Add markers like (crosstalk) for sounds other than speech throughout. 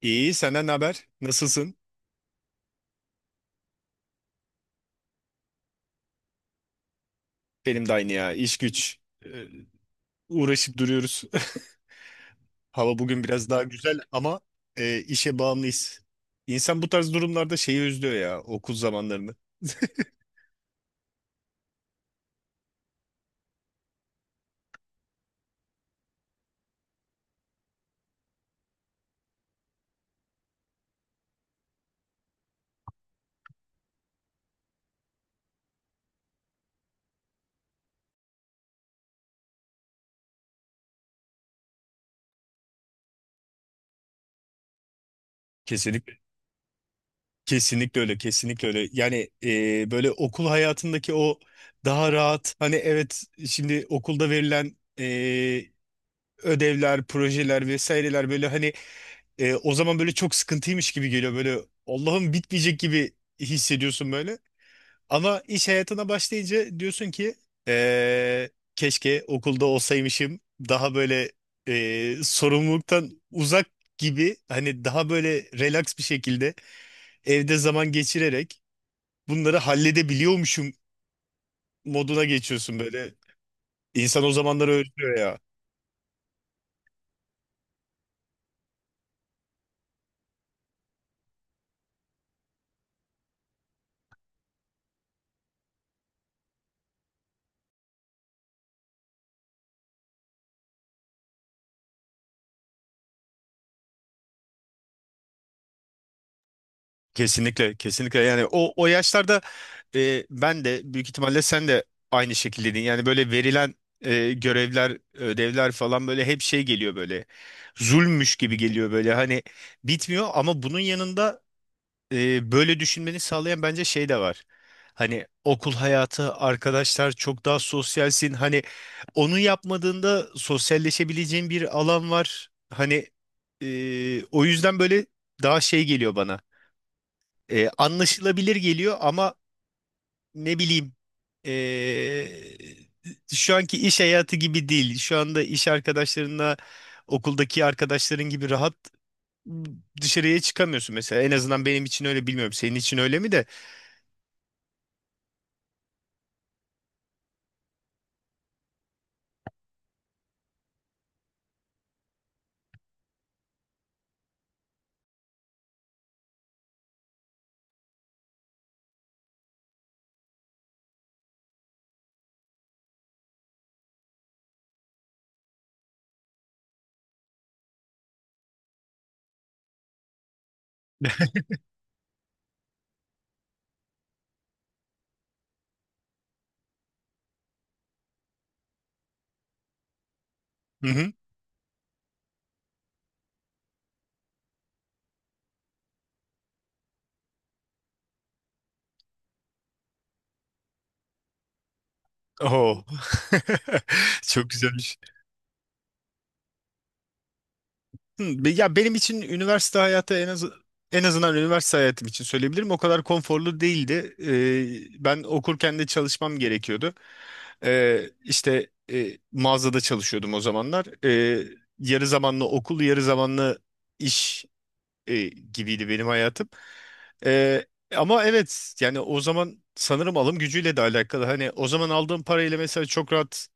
İyi, senden ne haber? Nasılsın? Benim de aynı ya. İş güç. Ee, Uğraşıp duruyoruz. (laughs) Hava bugün biraz daha güzel ama işe bağımlıyız. İnsan bu tarz durumlarda şeyi özlüyor ya, okul zamanlarını. Kesinlikle. Kesinlikle öyle, kesinlikle öyle. Yani böyle okul hayatındaki o daha rahat, hani evet, şimdi okulda verilen ödevler, projeler vesaireler, böyle hani o zaman böyle çok sıkıntıymış gibi geliyor. Böyle Allah'ım, bitmeyecek gibi hissediyorsun böyle. Ama iş hayatına başlayınca diyorsun ki eee, keşke okulda olsaymışım, daha böyle sorumluluktan uzak gibi, hani daha böyle relax bir şekilde evde zaman geçirerek bunları halledebiliyormuşum moduna geçiyorsun böyle. İnsan o zamanları özlüyor. Kesinlikle, kesinlikle. Yani o yaşlarda ben de büyük ihtimalle sen de aynı şekildeydin. Yani böyle verilen görevler, ödevler falan böyle hep şey geliyor böyle. Zulmüş gibi geliyor böyle. Hani bitmiyor, ama bunun yanında böyle düşünmeni sağlayan bence şey de var. Hani okul hayatı, arkadaşlar, çok daha sosyalsin. Hani onu yapmadığında sosyalleşebileceğin bir alan var. Hani o yüzden böyle daha şey geliyor bana. Anlaşılabilir geliyor ama, ne bileyim, e, şu anki iş hayatı gibi değil. Şu anda iş arkadaşlarınla okuldaki arkadaşların gibi rahat dışarıya çıkamıyorsun mesela. En azından benim için öyle, bilmiyorum. Senin için öyle mi de? Hı hı. Oo. (laughs) Çok güzel. Hı, ya benim için üniversite hayatı en azından üniversite hayatım için söyleyebilirim. O kadar konforlu değildi. Ben okurken de çalışmam gerekiyordu. İşte mağazada çalışıyordum o zamanlar. Yarı zamanlı okul, yarı zamanlı iş e, gibiydi benim hayatım. Ee, Ama evet, yani o zaman sanırım alım gücüyle de alakalı. Hani o zaman aldığım parayla mesela çok rahat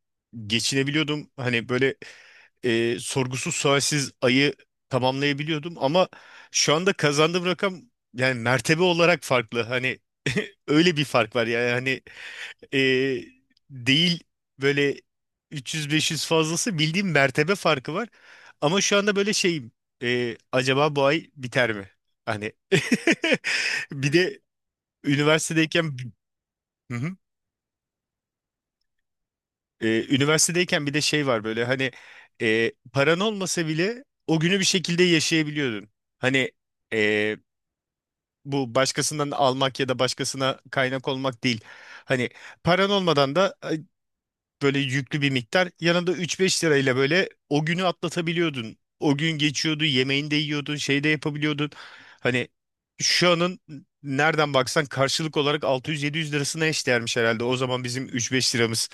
geçinebiliyordum. Hani böyle sorgusuz sualsiz ayı tamamlayabiliyordum, ama şu anda kazandığım rakam, yani mertebe olarak farklı. Hani (laughs) öyle bir fark var yani, hani e, değil böyle 300-500 fazlası, bildiğim mertebe farkı var. Ama şu anda böyle şeyim, acaba bu ay biter mi? Hani (laughs) bir de üniversitedeyken. Hı hı. Üniversitedeyken bir de şey var böyle, hani paran olmasa bile o günü bir şekilde yaşayabiliyordun. Hani e, bu başkasından almak ya da başkasına kaynak olmak değil. Hani paran olmadan da böyle yüklü bir miktar. Yanında 3-5 lirayla böyle o günü atlatabiliyordun. O gün geçiyordu, yemeğini de yiyordun, şey de yapabiliyordun. Hani şu anın nereden baksan karşılık olarak 600-700 lirasına eşdeğermiş herhalde. O zaman bizim 3-5 liramız.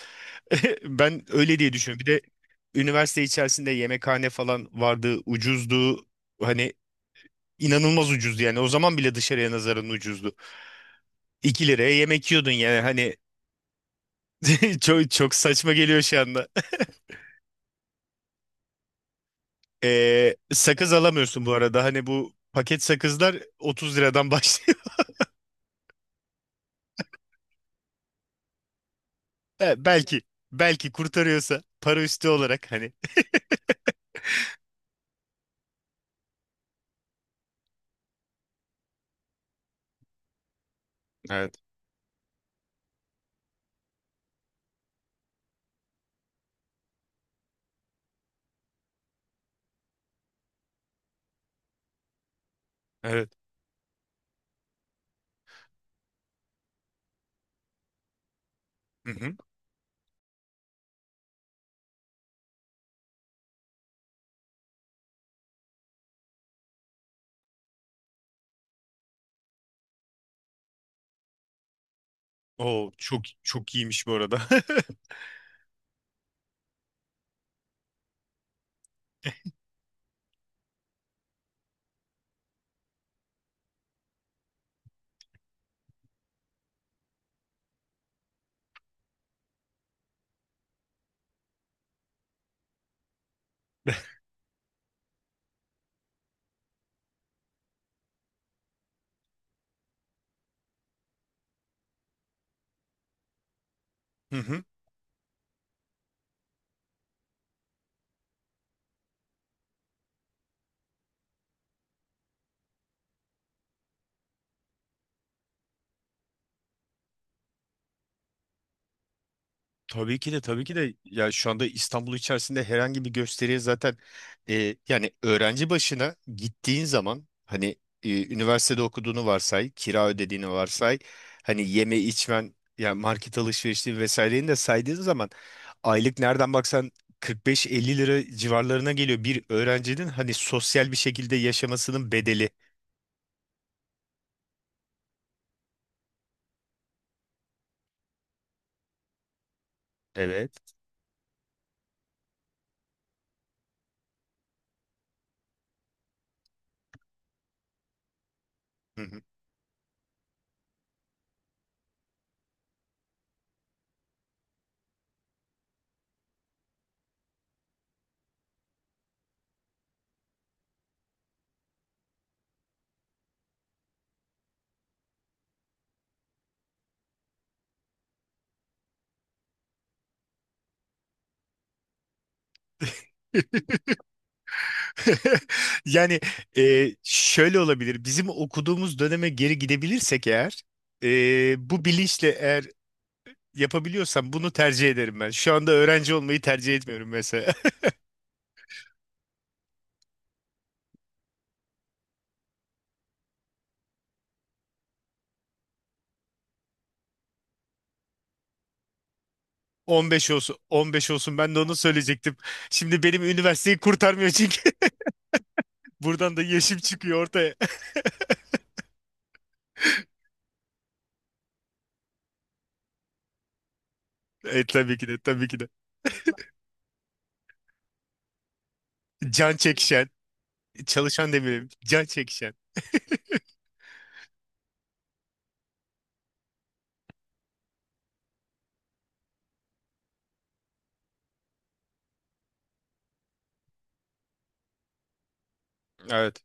(laughs) Ben öyle diye düşünüyorum. Bir de üniversite içerisinde yemekhane falan vardı, ucuzdu. Hani inanılmaz ucuzdu yani. O zaman bile dışarıya nazaran ucuzdu. 2 liraya yemek yiyordun yani, hani (laughs) çok çok saçma geliyor şu anda. Sakız alamıyorsun bu arada. Hani bu paket sakızlar 30 liradan başlıyor. (laughs) He, belki kurtarıyorsa para üstü olarak, hani. Evet. Evet. Hı hı. Oo, çok çok iyiymiş bu arada. (laughs) Hı hı. Tabii ki de, tabii ki de ya, şu anda İstanbul içerisinde herhangi bir gösteriye zaten, yani öğrenci başına gittiğin zaman, hani üniversitede okuduğunu varsay, kira ödediğini varsay, hani yeme içmen, yani market alışverişi vesaireni de saydığın zaman aylık nereden baksan 45-50 lira civarlarına geliyor bir öğrencinin hani sosyal bir şekilde yaşamasının bedeli. Evet. (laughs) Yani şöyle olabilir. Bizim okuduğumuz döneme geri gidebilirsek eğer, bu bilinçle eğer yapabiliyorsam bunu tercih ederim ben. Şu anda öğrenci olmayı tercih etmiyorum mesela. (laughs) 15 olsun, 15 olsun, ben de onu söyleyecektim. Şimdi benim üniversiteyi kurtarmıyor çünkü. (laughs) Buradan da yaşım çıkıyor ortaya. (laughs) Tabii ki de, tabii ki de. Can çekişen, çalışan demeyelim. Can çekişen. (laughs) Evet.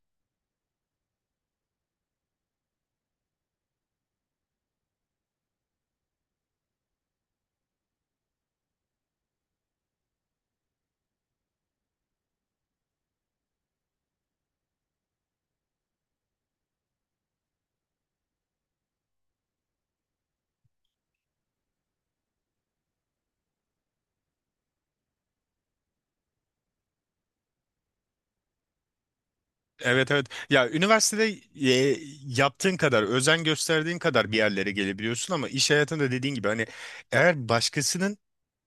Evet, evet. Ya üniversitede e, yaptığın kadar, özen gösterdiğin kadar bir yerlere gelebiliyorsun, ama iş hayatında dediğin gibi, hani eğer başkasının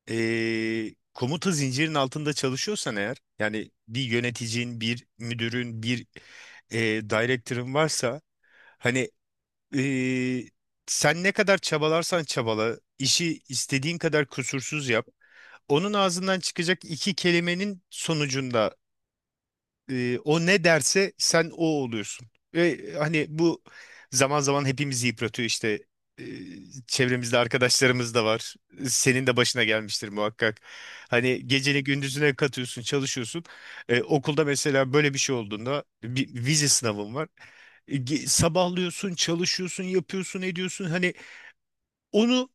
komuta zincirinin altında çalışıyorsan eğer, yani bir yöneticin, bir müdürün, bir director'ın varsa, hani e, sen ne kadar çabalarsan çabala, işi istediğin kadar kusursuz yap. Onun ağzından çıkacak iki kelimenin sonucunda o ne derse sen o oluyorsun. Ve hani bu zaman zaman hepimizi yıpratıyor işte. E, Çevremizde arkadaşlarımız da var. Senin de başına gelmiştir muhakkak. Hani geceni gündüzüne katıyorsun, çalışıyorsun. Okulda mesela böyle bir şey olduğunda bir vize sınavın var. Sabahlıyorsun, çalışıyorsun, yapıyorsun, ediyorsun. Hani onu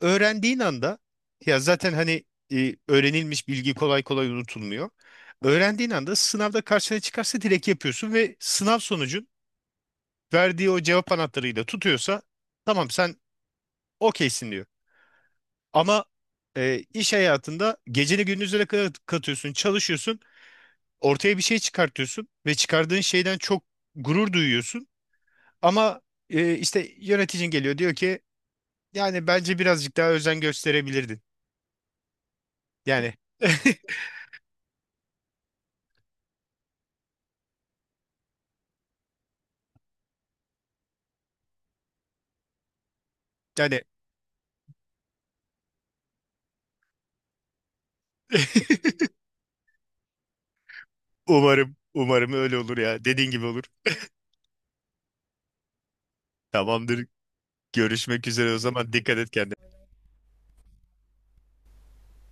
öğrendiğin anda ya zaten, hani öğrenilmiş bilgi kolay kolay unutulmuyor. Öğrendiğin anda sınavda karşına çıkarsa direkt yapıyorsun ve sınav sonucun verdiği o cevap anahtarıyla tutuyorsa tamam, sen okeysin diyor. Ama iş hayatında geceni gündüzlere kadar katıyorsun, çalışıyorsun, ortaya bir şey çıkartıyorsun ve çıkardığın şeyden çok gurur duyuyorsun. Ama işte yöneticin geliyor diyor ki, yani bence birazcık daha özen gösterebilirdin. Yani (laughs) yani (laughs) umarım, umarım öyle olur ya. Dediğin gibi olur. Tamamdır. Görüşmek üzere o zaman. Dikkat et kendine.